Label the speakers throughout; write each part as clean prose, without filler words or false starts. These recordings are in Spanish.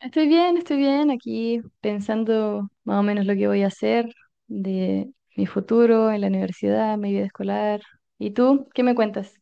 Speaker 1: Estoy bien, aquí pensando más o menos lo que voy a hacer de mi futuro en la universidad, mi vida escolar. ¿Y tú qué me cuentas?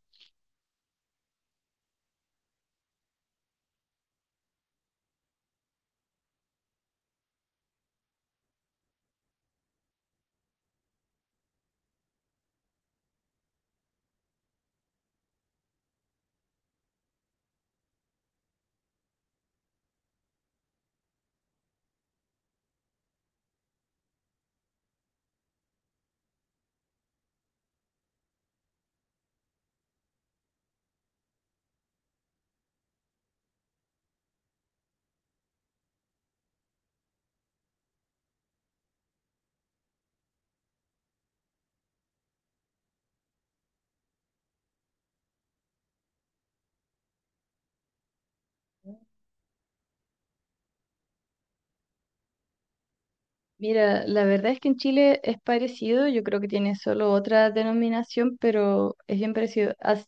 Speaker 1: Mira, la verdad es que en Chile es parecido, yo creo que tiene solo otra denominación, pero es bien parecido. Hace,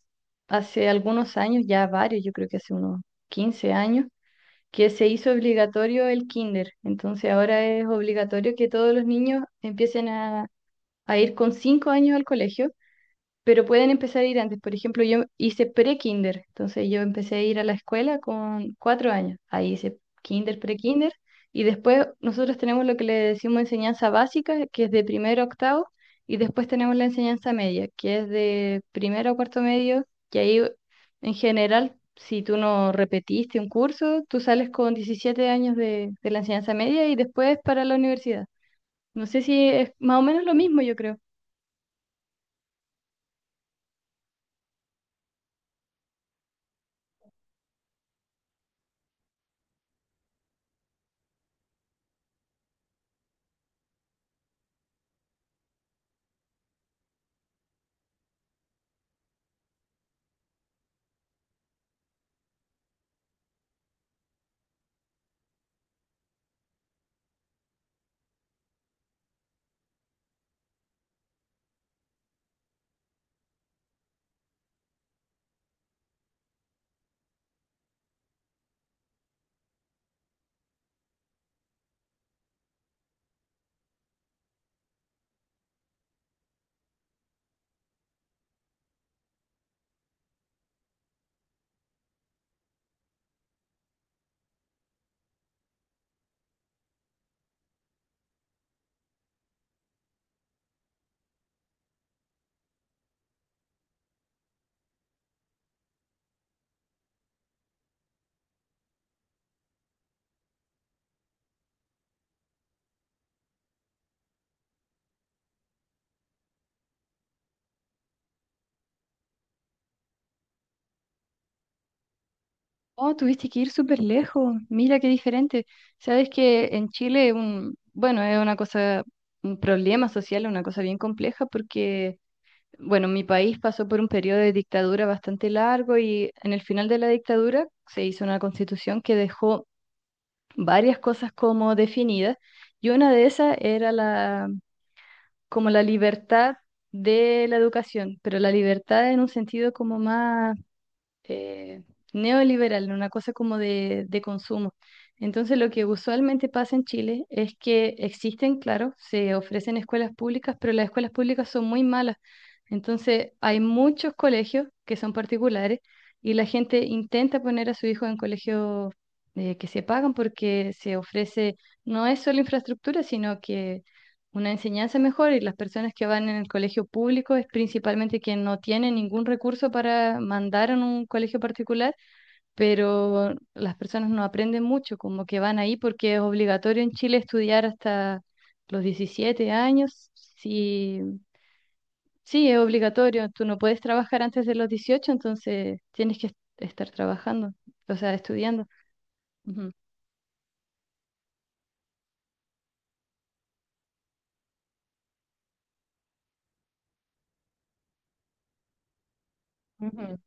Speaker 1: hace algunos años, ya varios, yo creo que hace unos 15 años, que se hizo obligatorio el kinder. Entonces ahora es obligatorio que todos los niños empiecen a ir con 5 años al colegio. Pero pueden empezar a ir antes. Por ejemplo, yo hice pre-kinder, entonces yo empecé a ir a la escuela con 4 años. Ahí hice kinder, pre-kinder, y después nosotros tenemos lo que le decimos enseñanza básica, que es de primero a octavo, y después tenemos la enseñanza media, que es de primero a cuarto medio, que ahí en general, si tú no repetiste un curso, tú sales con 17 años de la enseñanza media y después para la universidad. No sé si es más o menos lo mismo, yo creo. Oh, tuviste que ir súper lejos. Mira qué diferente. Sabes que en Chile, bueno, es una cosa, un problema social, una cosa bien compleja porque, bueno, mi país pasó por un periodo de dictadura bastante largo y en el final de la dictadura se hizo una constitución que dejó varias cosas como definidas y una de esas era como la libertad de la educación, pero la libertad en un sentido como más eh, neoliberal, una cosa como de consumo. Entonces, lo que usualmente pasa en Chile es que existen, claro, se ofrecen escuelas públicas, pero las escuelas públicas son muy malas. Entonces, hay muchos colegios que son particulares y la gente intenta poner a su hijo en colegios que se pagan porque se ofrece, no es solo infraestructura, sino que una enseñanza mejor, y las personas que van en el colegio público es principalmente quien no tiene ningún recurso para mandar en un colegio particular, pero las personas no aprenden mucho, como que van ahí porque es obligatorio en Chile estudiar hasta los 17 años. Sí, sí, es obligatorio, tú no puedes trabajar antes de los 18, entonces tienes que estar trabajando, o sea, estudiando. Ujú. Ujú.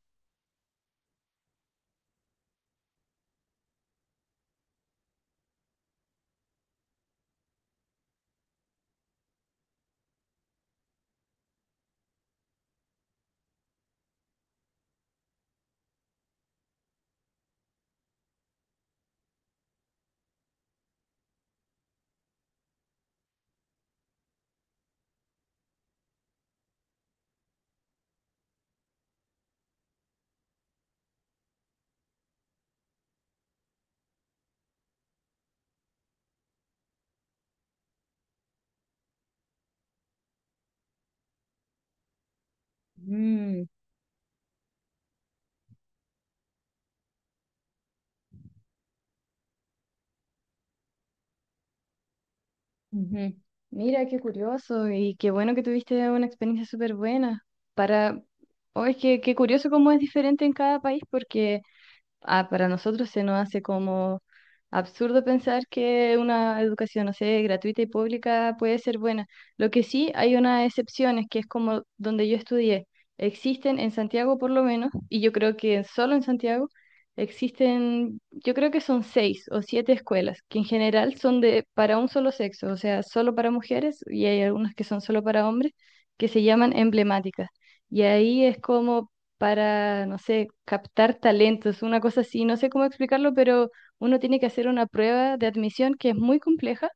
Speaker 1: Mm. Ujú. Mira, qué curioso y qué bueno que tuviste una experiencia súper buena. Para, oh, es que qué curioso cómo es diferente en cada país porque para nosotros se nos hace como absurdo pensar que una educación, no sé, gratuita y pública puede ser buena. Lo que sí, hay unas excepciones, que es como donde yo estudié. Existen en Santiago por lo menos, y yo creo que solo en Santiago existen, yo creo que son seis o siete escuelas, que en general son de para un solo sexo, o sea, solo para mujeres, y hay algunas que son solo para hombres, que se llaman emblemáticas. Y ahí es como para, no sé, captar talentos, una cosa así, no sé cómo explicarlo, pero uno tiene que hacer una prueba de admisión que es muy compleja.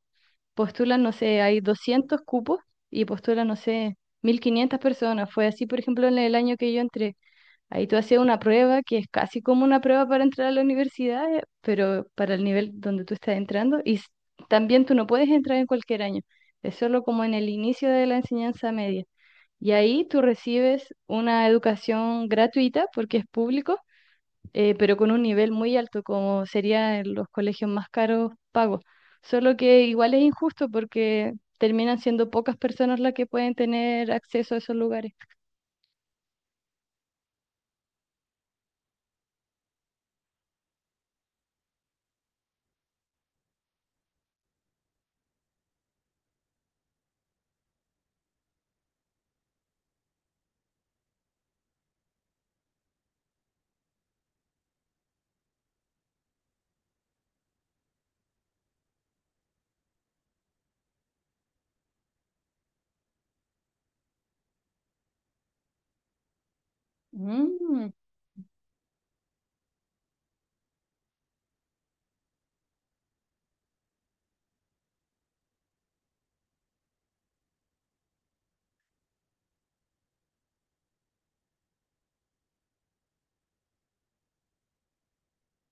Speaker 1: Postulan, no sé, hay 200 cupos y postulan, no sé, 1500 personas. Fue así, por ejemplo, en el año que yo entré. Ahí tú haces una prueba que es casi como una prueba para entrar a la universidad, pero para el nivel donde tú estás entrando. Y también tú no puedes entrar en cualquier año, es solo como en el inicio de la enseñanza media. Y ahí tú recibes una educación gratuita porque es público, pero con un nivel muy alto, como sería en los colegios más caros pagos. Solo que igual es injusto porque terminan siendo pocas personas las que pueden tener acceso a esos lugares. Mm.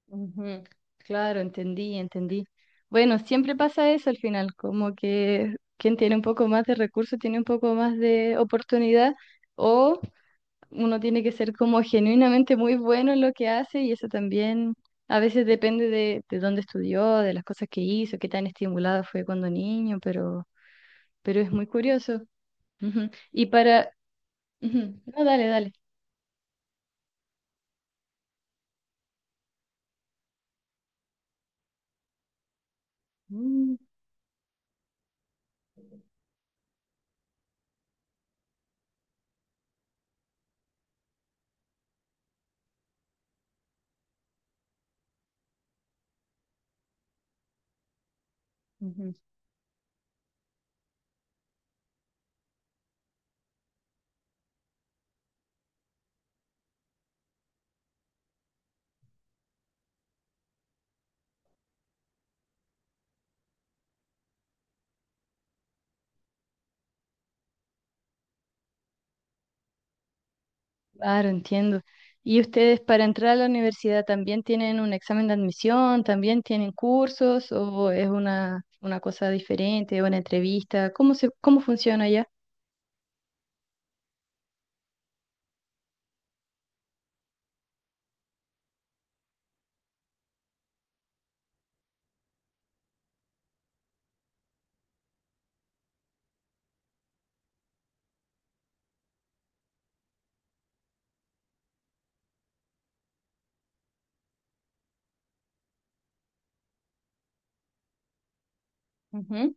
Speaker 1: Ujú. Claro, entendí, entendí. Bueno, siempre pasa eso al final, como que quien tiene un poco más de recursos tiene un poco más de oportunidad o uno tiene que ser como genuinamente muy bueno en lo que hace y eso también a veces depende de dónde estudió, de las cosas que hizo, qué tan estimulado fue cuando niño, pero, es muy curioso. Ujú, y para... Ujú. No, dale, dale. Mm, ujú. Claro, entiendo. ¿Y ustedes para entrar a la universidad también tienen un examen de admisión? ¿También tienen cursos? ¿O es una cosa diferente, una entrevista? ¿Cómo funciona allá? Ujú.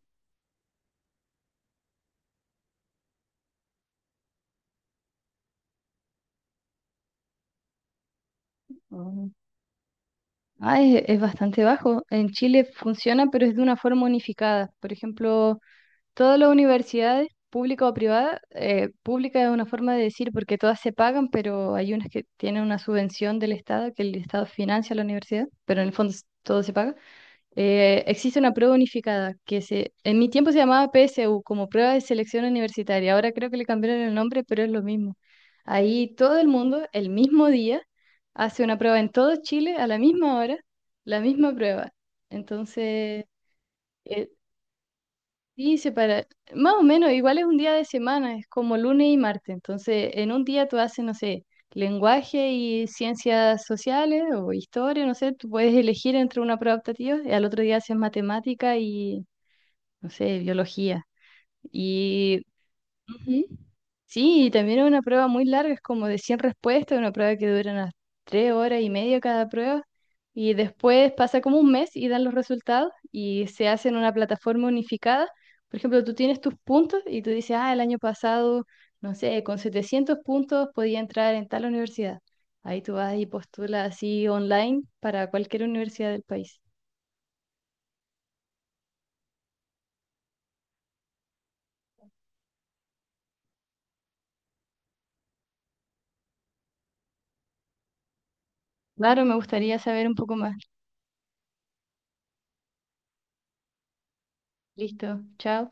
Speaker 1: Mm. Ah, es bastante bajo. En Chile funciona, pero es de una forma unificada. Por ejemplo, todas las universidades, pública o privada, pública es una forma de decir porque todas se pagan, pero hay unas que tienen una subvención del Estado, que el Estado financia la universidad, pero en el fondo todo se paga. Existe una prueba unificada que en mi tiempo se llamaba PSU, como prueba de selección universitaria. Ahora creo que le cambiaron el nombre, pero es lo mismo. Ahí todo el mundo, el mismo día, hace una prueba en todo Chile a la misma hora, la misma prueba. Entonces, eh, sí, separa. Más o menos, igual es un día de semana, es como lunes y martes. Entonces, en un día tú haces, no sé, lenguaje y ciencias sociales o historia, no sé, tú puedes elegir entre una prueba optativa y al otro día haces matemática y, no sé, biología. Y ujú. Sí, y también es una prueba muy larga, es como de 100 respuestas, una prueba que dura unas 3 horas y media cada prueba, y después pasa como un mes y dan los resultados y se hace en una plataforma unificada. Por ejemplo, tú tienes tus puntos y tú dices, ah, el año pasado, no sé, con 700 puntos podía entrar en tal universidad. Ahí tú vas y postulas así online para cualquier universidad del país. Claro, me gustaría saber un poco más. Listo, chao.